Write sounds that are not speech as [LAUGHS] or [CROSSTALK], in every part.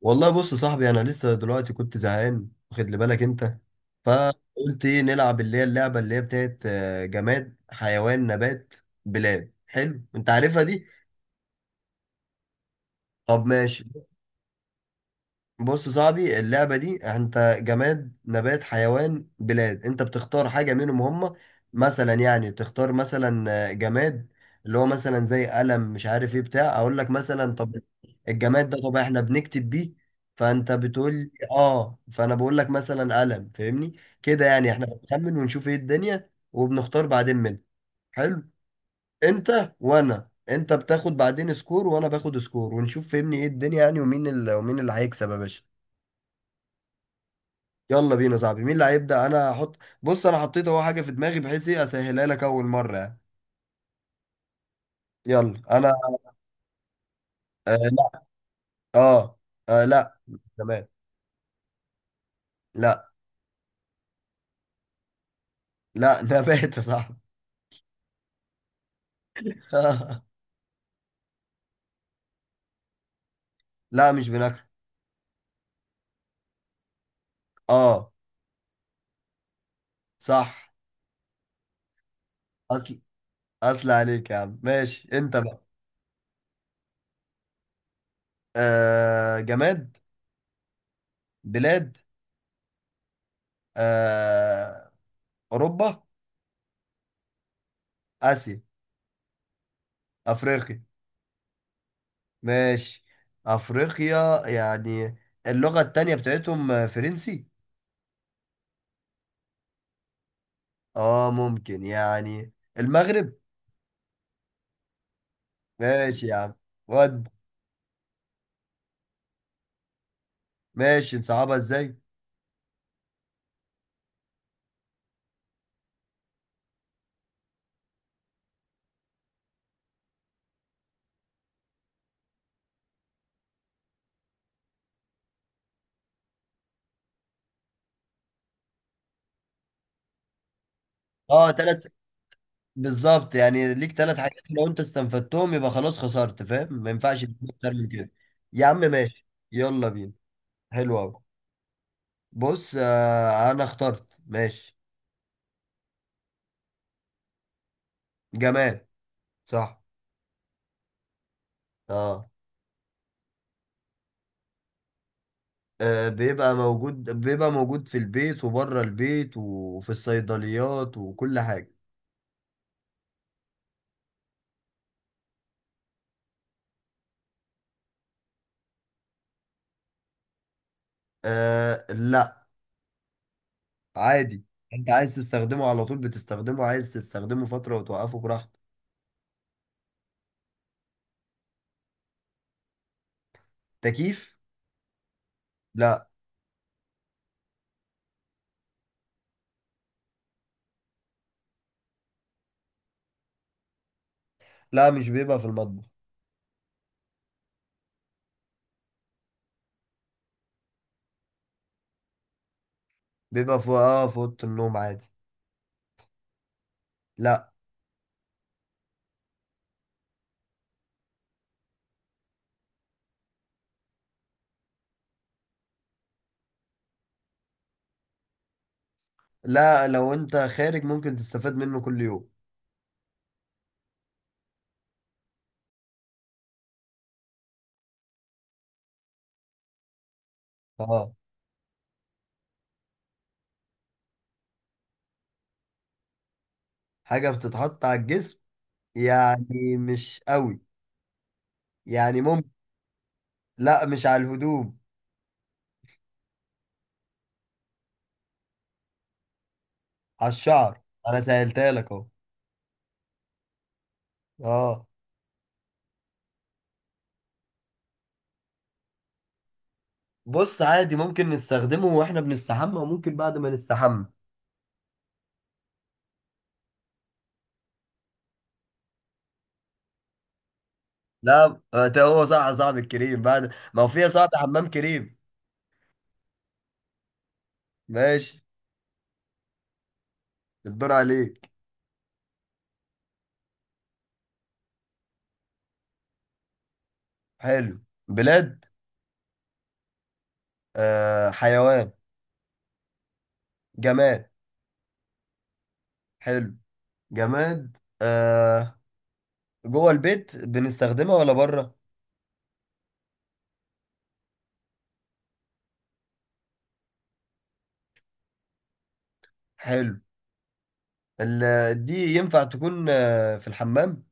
والله بص يا صاحبي، انا لسه دلوقتي كنت زهقان، واخد لي بالك انت؟ فقلت ايه نلعب اللي هي اللعبه اللي هي بتاعت جماد حيوان نبات بلاد. حلو انت عارفها دي؟ طب ماشي. بص يا صاحبي، اللعبة دي انت جماد نبات حيوان بلاد، انت بتختار حاجة منهم هم. مثلا يعني تختار مثلا جماد اللي هو مثلا زي قلم، مش عارف ايه، بتاع اقول لك مثلا. طب الجماد ده طب احنا بنكتب بيه، فانت بتقول لي اه، فانا بقول لك مثلا قلم، فاهمني؟ كده يعني احنا بنخمن ونشوف ايه الدنيا وبنختار بعدين منه. حلو. انت وانا، انت بتاخد بعدين سكور وانا باخد سكور، ونشوف فهمني ايه الدنيا يعني، ومين اللي ومين اللي هيكسب يا باشا. يلا بينا يا صاحبي، مين اللي هيبدأ؟ انا هحط. بص انا حطيت اهو حاجة في دماغي، بحيث ايه اسهلها لك اول مرة يعني. يلا انا. آه لا. اه, آه لا. نبات. لا. لا، [LAUGHS] نبات يا صاحبي. [LAUGHS] لا مش بناكل. اه. صح. اصل، اصل عليك يا عم. ماشي انت بقى. آه جماد. بلاد. آه. اوروبا. اسيا. افريقيا. ماشي. افريقيا يعني، اللغة التانية بتاعتهم فرنسي. اه ممكن يعني. المغرب. ماشي يا عم. ود. ماشي نصعبها ازاي؟ اه تلات. بالظبط، يعني ليك تلات حاجات، لو انت استنفدتهم يبقى خلاص خسرت، فاهم؟ ما ينفعش تجيب اكتر من كده. يا عم ماشي، يلا بينا. حلو قوي. بص آه انا اخترت ماشي. جماد. صح. اه. آه، بيبقى موجود، بيبقى موجود في البيت وبره البيت وفي الصيدليات وكل حاجة. آه لا. عادي، انت عايز تستخدمه على طول بتستخدمه، عايز تستخدمه فترة وتوقفه براحتك. تكييف؟ لا. لا مش بيبقى في المطبخ. بيبقى في في أوضة النوم عادي. لا. لا لو انت خارج ممكن تستفاد منه كل يوم. اه. حاجة بتتحط على الجسم، يعني مش قوي، يعني ممكن. لا مش على الهدوم. على الشعر. انا سهلتها لك اهو. اه. بص عادي، ممكن نستخدمه واحنا بنستحمى وممكن بعد ما نستحمى. لا، ده هو صح صاحب الكريم، بعد ما هو فيها صاحب حمام كريم. ماشي. الدور عليك. حلو. بلاد. آه حيوان. جماد. حلو. جماد. آه. جوه البيت بنستخدمها ولا بره؟ حلو. دي ينفع تكون آه في الحمام؟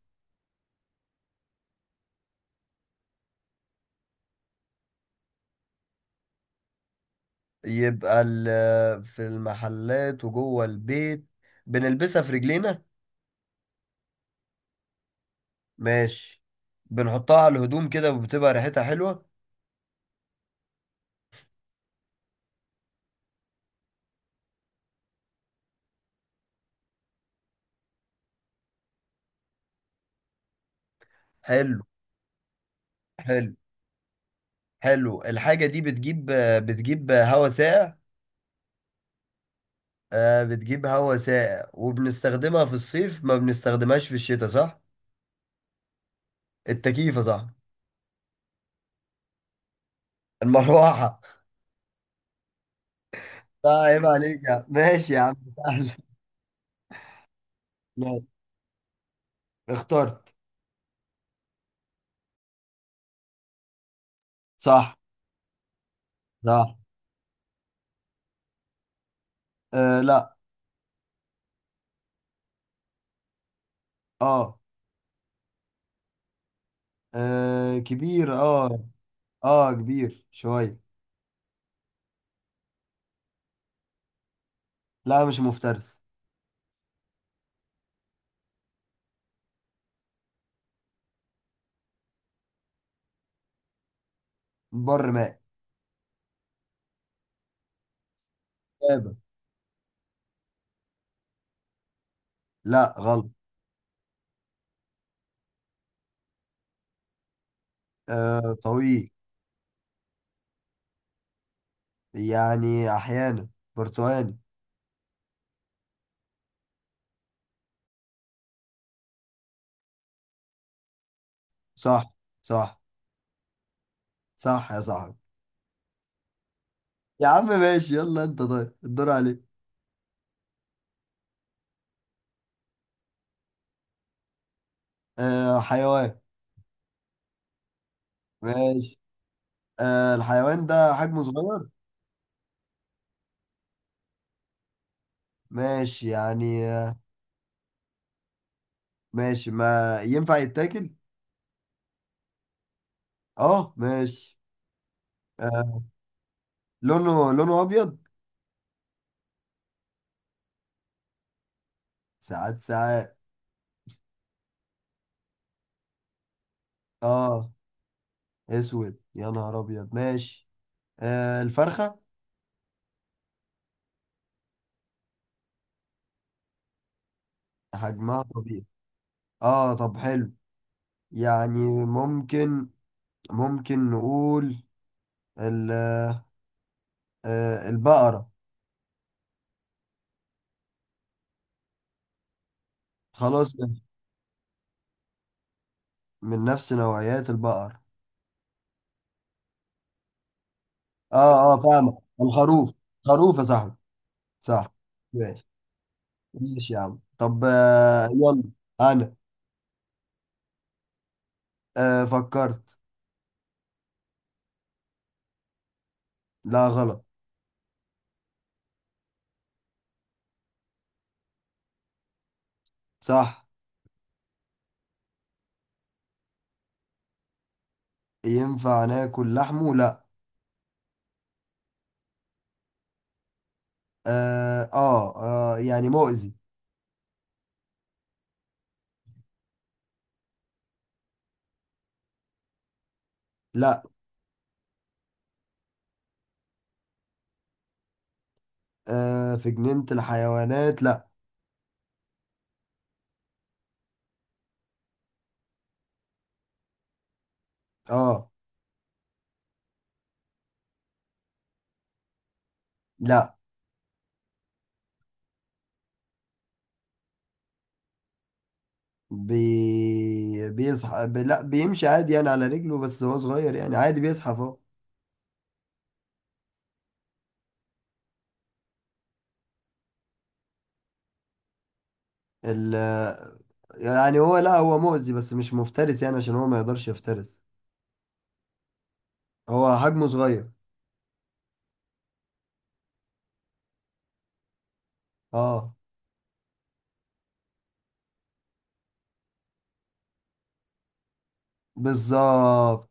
يبقى في المحلات وجوه البيت. بنلبسها في رجلينا؟ ماشي. بنحطها على الهدوم كده وبتبقى ريحتها حلوة؟ حلو. حلو. حلو الحاجة دي. بتجيب هواء ساقع. آه، بتجيب هواء ساقع وبنستخدمها في الصيف ما بنستخدمهاش في الشتاء، صح؟ التكييف صح؟ المروحة. [LAUGHS] طيب عيب عليك يا عم. ماشي يا عم سهل. ماشي. اخترت. صح. صح. آه لا. اه, آه كبير اه. اه كبير شوية. لا مش مفترس. بر ماء. غابة. لا غلط. آه طويل. يعني أحيانا. برتقالي. صح. صح. صح يا صاحبي. يا عم ماشي، يلا انت طيب الدور عليك. آه حيوان. ماشي. آه الحيوان ده حجمه صغير. ماشي يعني آه. ماشي ما ينفع يتاكل. اه ماشي. آه لونه، ابيض. ساعات ساعات. اه. اسود؟ يا نهار ابيض. ماشي. آه الفرخة. حجمها طبيعي. اه طب حلو. يعني ممكن، ممكن نقول ال- آه آه، البقرة. خلاص. من نفس نوعيات البقر. اه اه فاهمة. الخروف. خروف يا صاحبي. صح. ماشي. ماشي يا عم. طب آه يلا. انا. آه فكرت. لا غلط. صح. ينفع ناكل لحمه لا. اه. اه يعني مؤذي. لا. آه في جنينة الحيوانات لا. اه. لا. بيصحى لا بيمشي عادي يعني على رجله، بس هو صغير يعني عادي بيزحف اهو. ال يعني هو لا هو مؤذي بس مش مفترس، يعني عشان هو ما يقدرش يفترس. هو حجمه صغير. اه. بالظبط.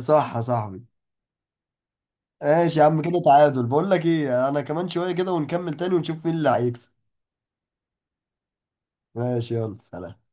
صح يا صاحبي. ماشي يا عم، كده تعادل، بقول لك ايه، انا كمان شوية كده ونكمل تاني ونشوف مين اللي هيكسب. ماشي. يلا سلام.